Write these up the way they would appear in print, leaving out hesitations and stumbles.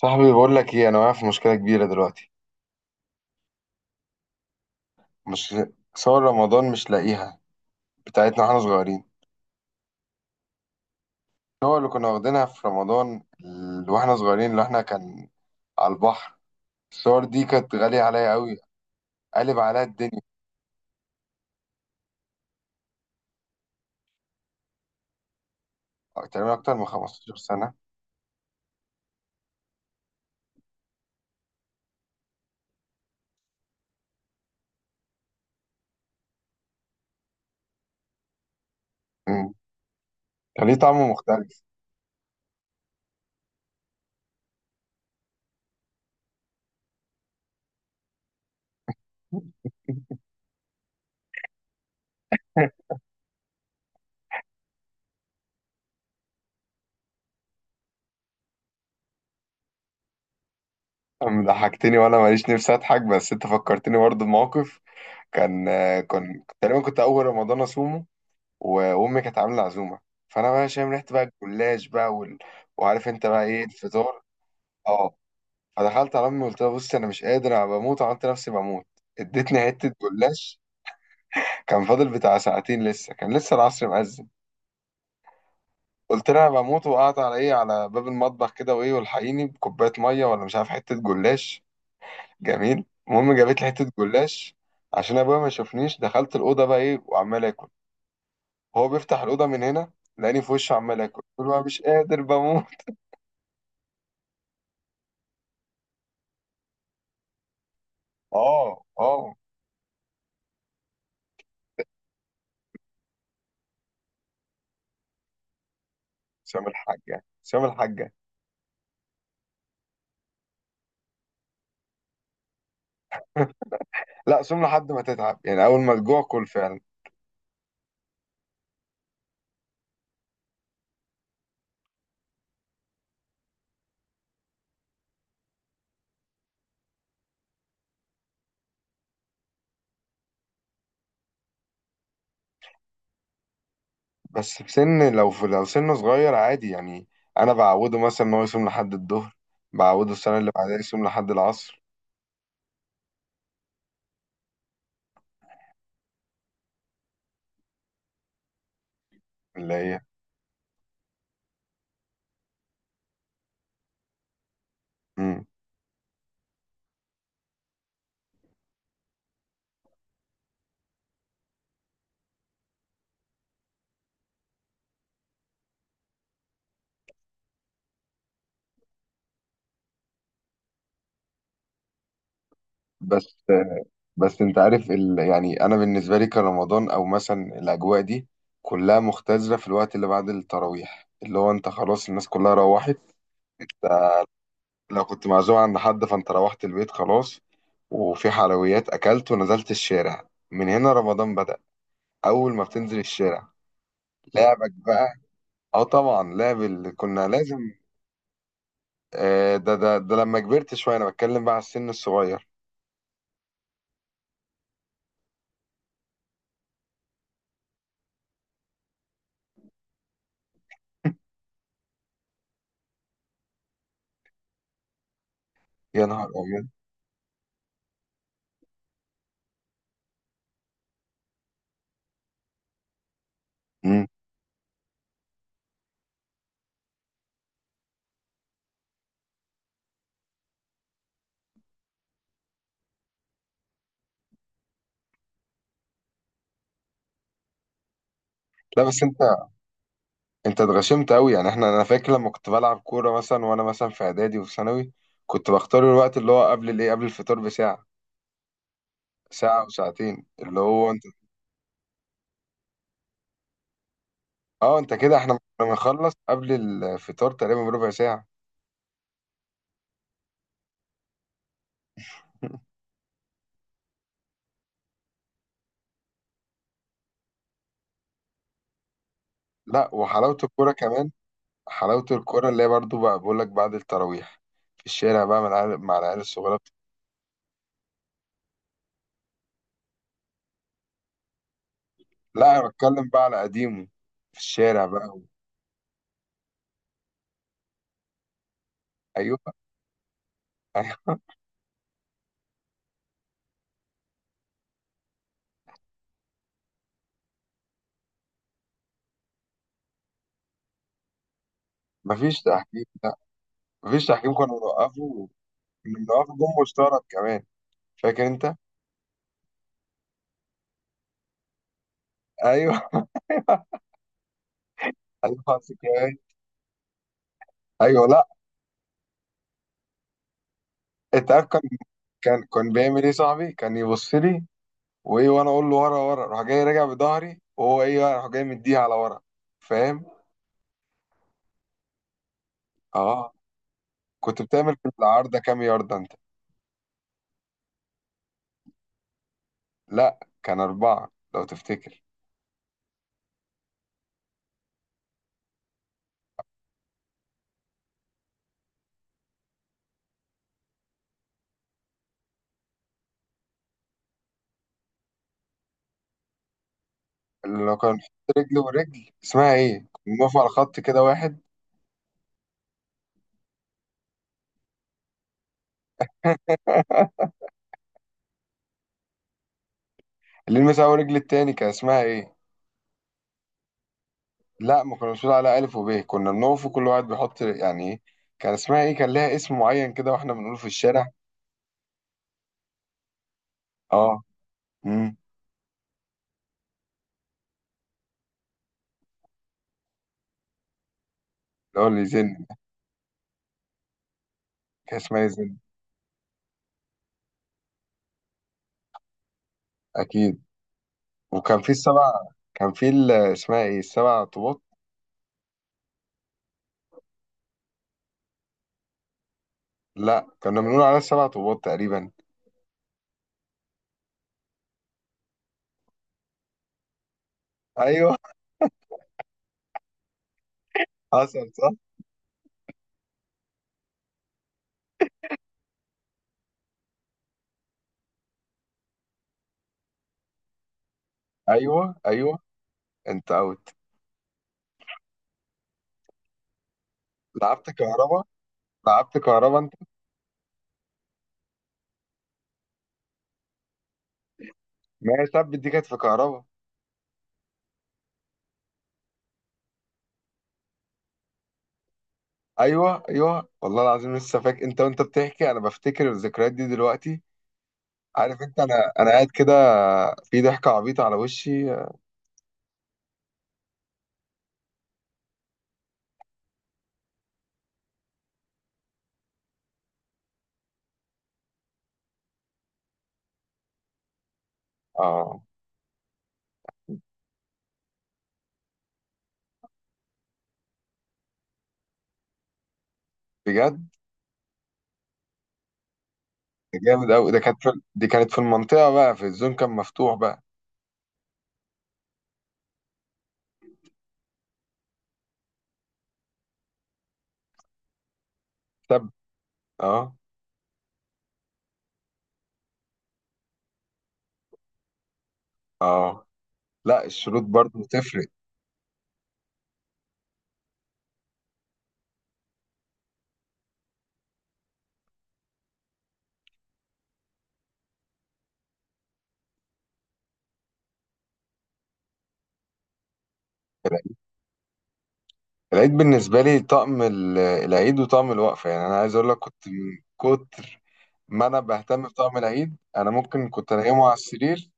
صاحبي بقول لك ايه، انا واقع في مشكله كبيره دلوقتي. مش صور رمضان مش لاقيها، بتاعتنا واحنا صغيرين. الصور اللي كنا واخدينها في رمضان واحنا صغيرين، اللي احنا كان على البحر. الصور دي كانت غاليه عليا قوي، قالب عليا الدنيا. تقريبا اكتر من 15 سنه. امم. كان ليه طعم مختلف. ضحكتني وانا ماليش نفسي اضحك، بس انت فكرتني برضه بموقف. كان تقريبا كنت اول رمضان اصومه. و- وامي كانت عامله عزومه، فانا بقى شامم ريحه بقى الجلاش بقى وعارف انت بقى ايه الفطار. اه، فدخلت على امي قلت لها بص انا مش قادر انا بموت، وعملت نفسي بموت. ادتني حته جلاش، كان فاضل بتاع ساعتين لسه، كان لسه العصر مأذن. قلت لها انا بموت، وقعدت على ايه، على باب المطبخ كده، وايه والحقيني بكوبايه ميه ولا مش عارف حته جلاش جميل. المهم جابت لي حته جلاش. عشان ابويا ما يشوفنيش دخلت الاوضه بقى ايه وعمال اكل. هو بيفتح الاوضه من هنا لاني في وشه عمال اكل، قلت له أنا مش قادر بموت. اه اه. سام الحاجة سام الحاجة. لا سم لحد ما تتعب يعني، أول ما تجوع كل فعلا. بس في سن، لو في لو سنه صغير عادي يعني. أنا بعوده مثلا إن هو يصوم لحد الظهر، بعوده السنة اللي بعدها يصوم لحد العصر. اللي هي. مم. بس بس أنت عارف يعني أنا بالنسبة لي كرمضان أو مثلا الأجواء دي كلها مختزلة في الوقت اللي بعد التراويح، اللي هو أنت خلاص الناس كلها روحت. لو كنت معزوم عند حد فانت روحت البيت خلاص، وفي حلويات اكلت ونزلت الشارع، من هنا رمضان بدأ. اول ما بتنزل الشارع، لعبك بقى. اه طبعا لعب اللي كنا لازم. ده لما كبرت شويه، انا بتكلم بقى على السن الصغير. يا نهار ابيض. مم. لا بس انت اتغشمت قوي. يعني احنا، انا فاكر لما كنت بلعب كوره مثلا وانا مثلا في اعدادي وفي ثانوي، كنت بختار الوقت اللي هو قبل الايه، قبل الفطار بساعه، ساعه وساعتين، اللي هو اه انت كده. احنا كنا بنخلص قبل الفطار تقريبا بربع ساعة. لا وحلاوة الكورة كمان. حلاوة الكورة اللي هي برضو، بقى بقول لك، بعد التراويح في الشارع بقى مع العيال، مع العيال الصغيرة بت-. لا انا بتكلم بقى على قديمه، في الشارع بقى ايوه ايوه. مفيش تحكيم، لا. مفيش تحكيم كنا بنوقفه، كنا بنوقفه جون مشترك كمان، فاكر انت؟ ايوه. ايوه ذكريات. ايوه لا. انت عارف كان بيعمل ايه صاحبي، كان يبص لي وايه، وانا اقول له ورا ورا، راح جاي راجع بظهري، وهو ايه بقى راح جاي مديها على ورا، فاهم. اه. كنت بتعمل في العارضه كام يارده انت؟ لا كان اربعه لو تفتكر. اللي لو كان نحط رجل ورجل اسمها ايه، كنا بنقف على خط كده واحد. اللي يلمس اول رجل التاني كان اسمها ايه؟ لا ما كناش بنقول عليها الف وب، كنا بنقف وكل واحد بيحط يعني ايه، كان اسمها ايه، كان لها اسم معين كده واحنا بنقوله في الشارع. اه. امم اللي هو اللي يزن. كان اسمها إيه؟ يزن. اكيد. وكان في السبع، كان في اسمها ايه، السبع طوبات. لا كنا بنقول عليها السبع طوبات تقريبا. ايوه حصل صح. ايوه ايوه انت اوت. لعبت كهربا، لعبت كهربا انت. ما هي سب دي كانت في كهربا. ايوه ايوه والله العظيم لسه فاكر. انت وانت بتحكي انا بفتكر الذكريات دي دلوقتي. عارف انت، انا قاعد كده في ضحكه عبيطه على وشي. اه بجد. جامد قوي ده، دي كانت في المنطقه بقى، في الزون كان مفتوح بقى. سب. اه اه. لا الشروط برضو تفرق. العيد بالنسبة لي طقم العيد وطقم الوقفة. يعني أنا عايز أقول لك، كنت من كتر ما أنا بهتم بطقم العيد أنا ممكن كنت أنيمه على السرير.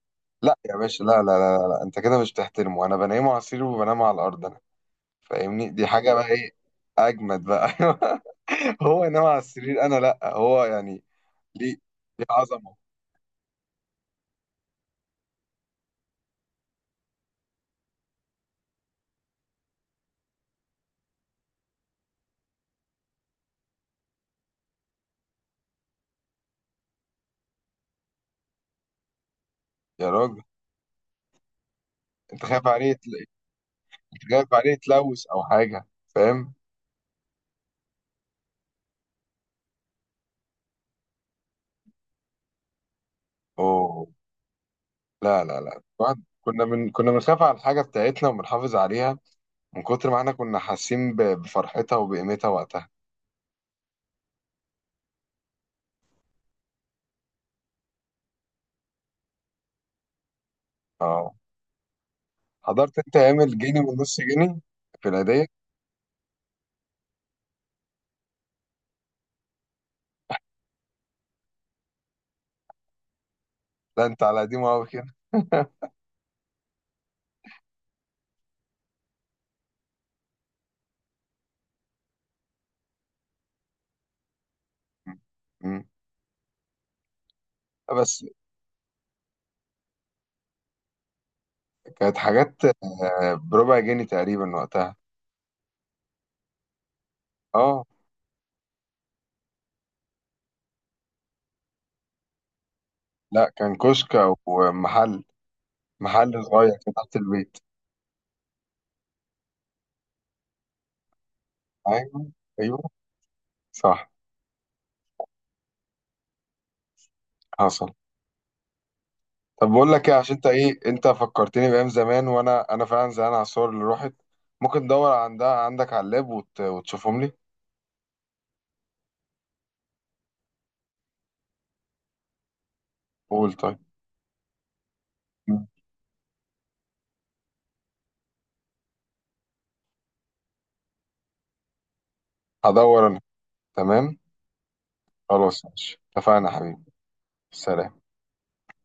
لا يا باشا، لا لا لا, لا, لا. أنت كده مش بتحترمه، أنا بنيمه على السرير وبنام على الأرض أنا. فاهمني؟ دي حاجة بقى إيه. أجمد بقى. هو ينام على السرير أنا لا، هو يعني ليه، ليه عظمة؟ يا راجل. أنت خايف عليه يتل-، خايف عليه يتلوث أو حاجة، فاهم؟ أوه. لا لا لا، بعد كنا، من كنا بنخاف على الحاجة بتاعتنا وبنحافظ عليها، من كتر ما احنا كنا حاسين بفرحتها وبقيمتها وقتها. اه. حضرت انت ايام الجنيه والنص جنيه في العيدية؟ لا انت على قديمه قوي كده. مم. مم. بس كانت حاجات آه، بربع جنيه تقريبا وقتها. اه لا كان كشك او محل، محل صغير كده تحت البيت. ايوه ايوه صح حصل. طب بقول لك ايه، عشان انت ايه انت فكرتني بايام زمان، وانا فعلا زعلان على الصور اللي راحت. ممكن تدور عندك على اللاب وت... وتشوفهم لي. قول طيب. هدور انا. تمام. خلاص ماشي، اتفقنا يا حبيبي. سلام.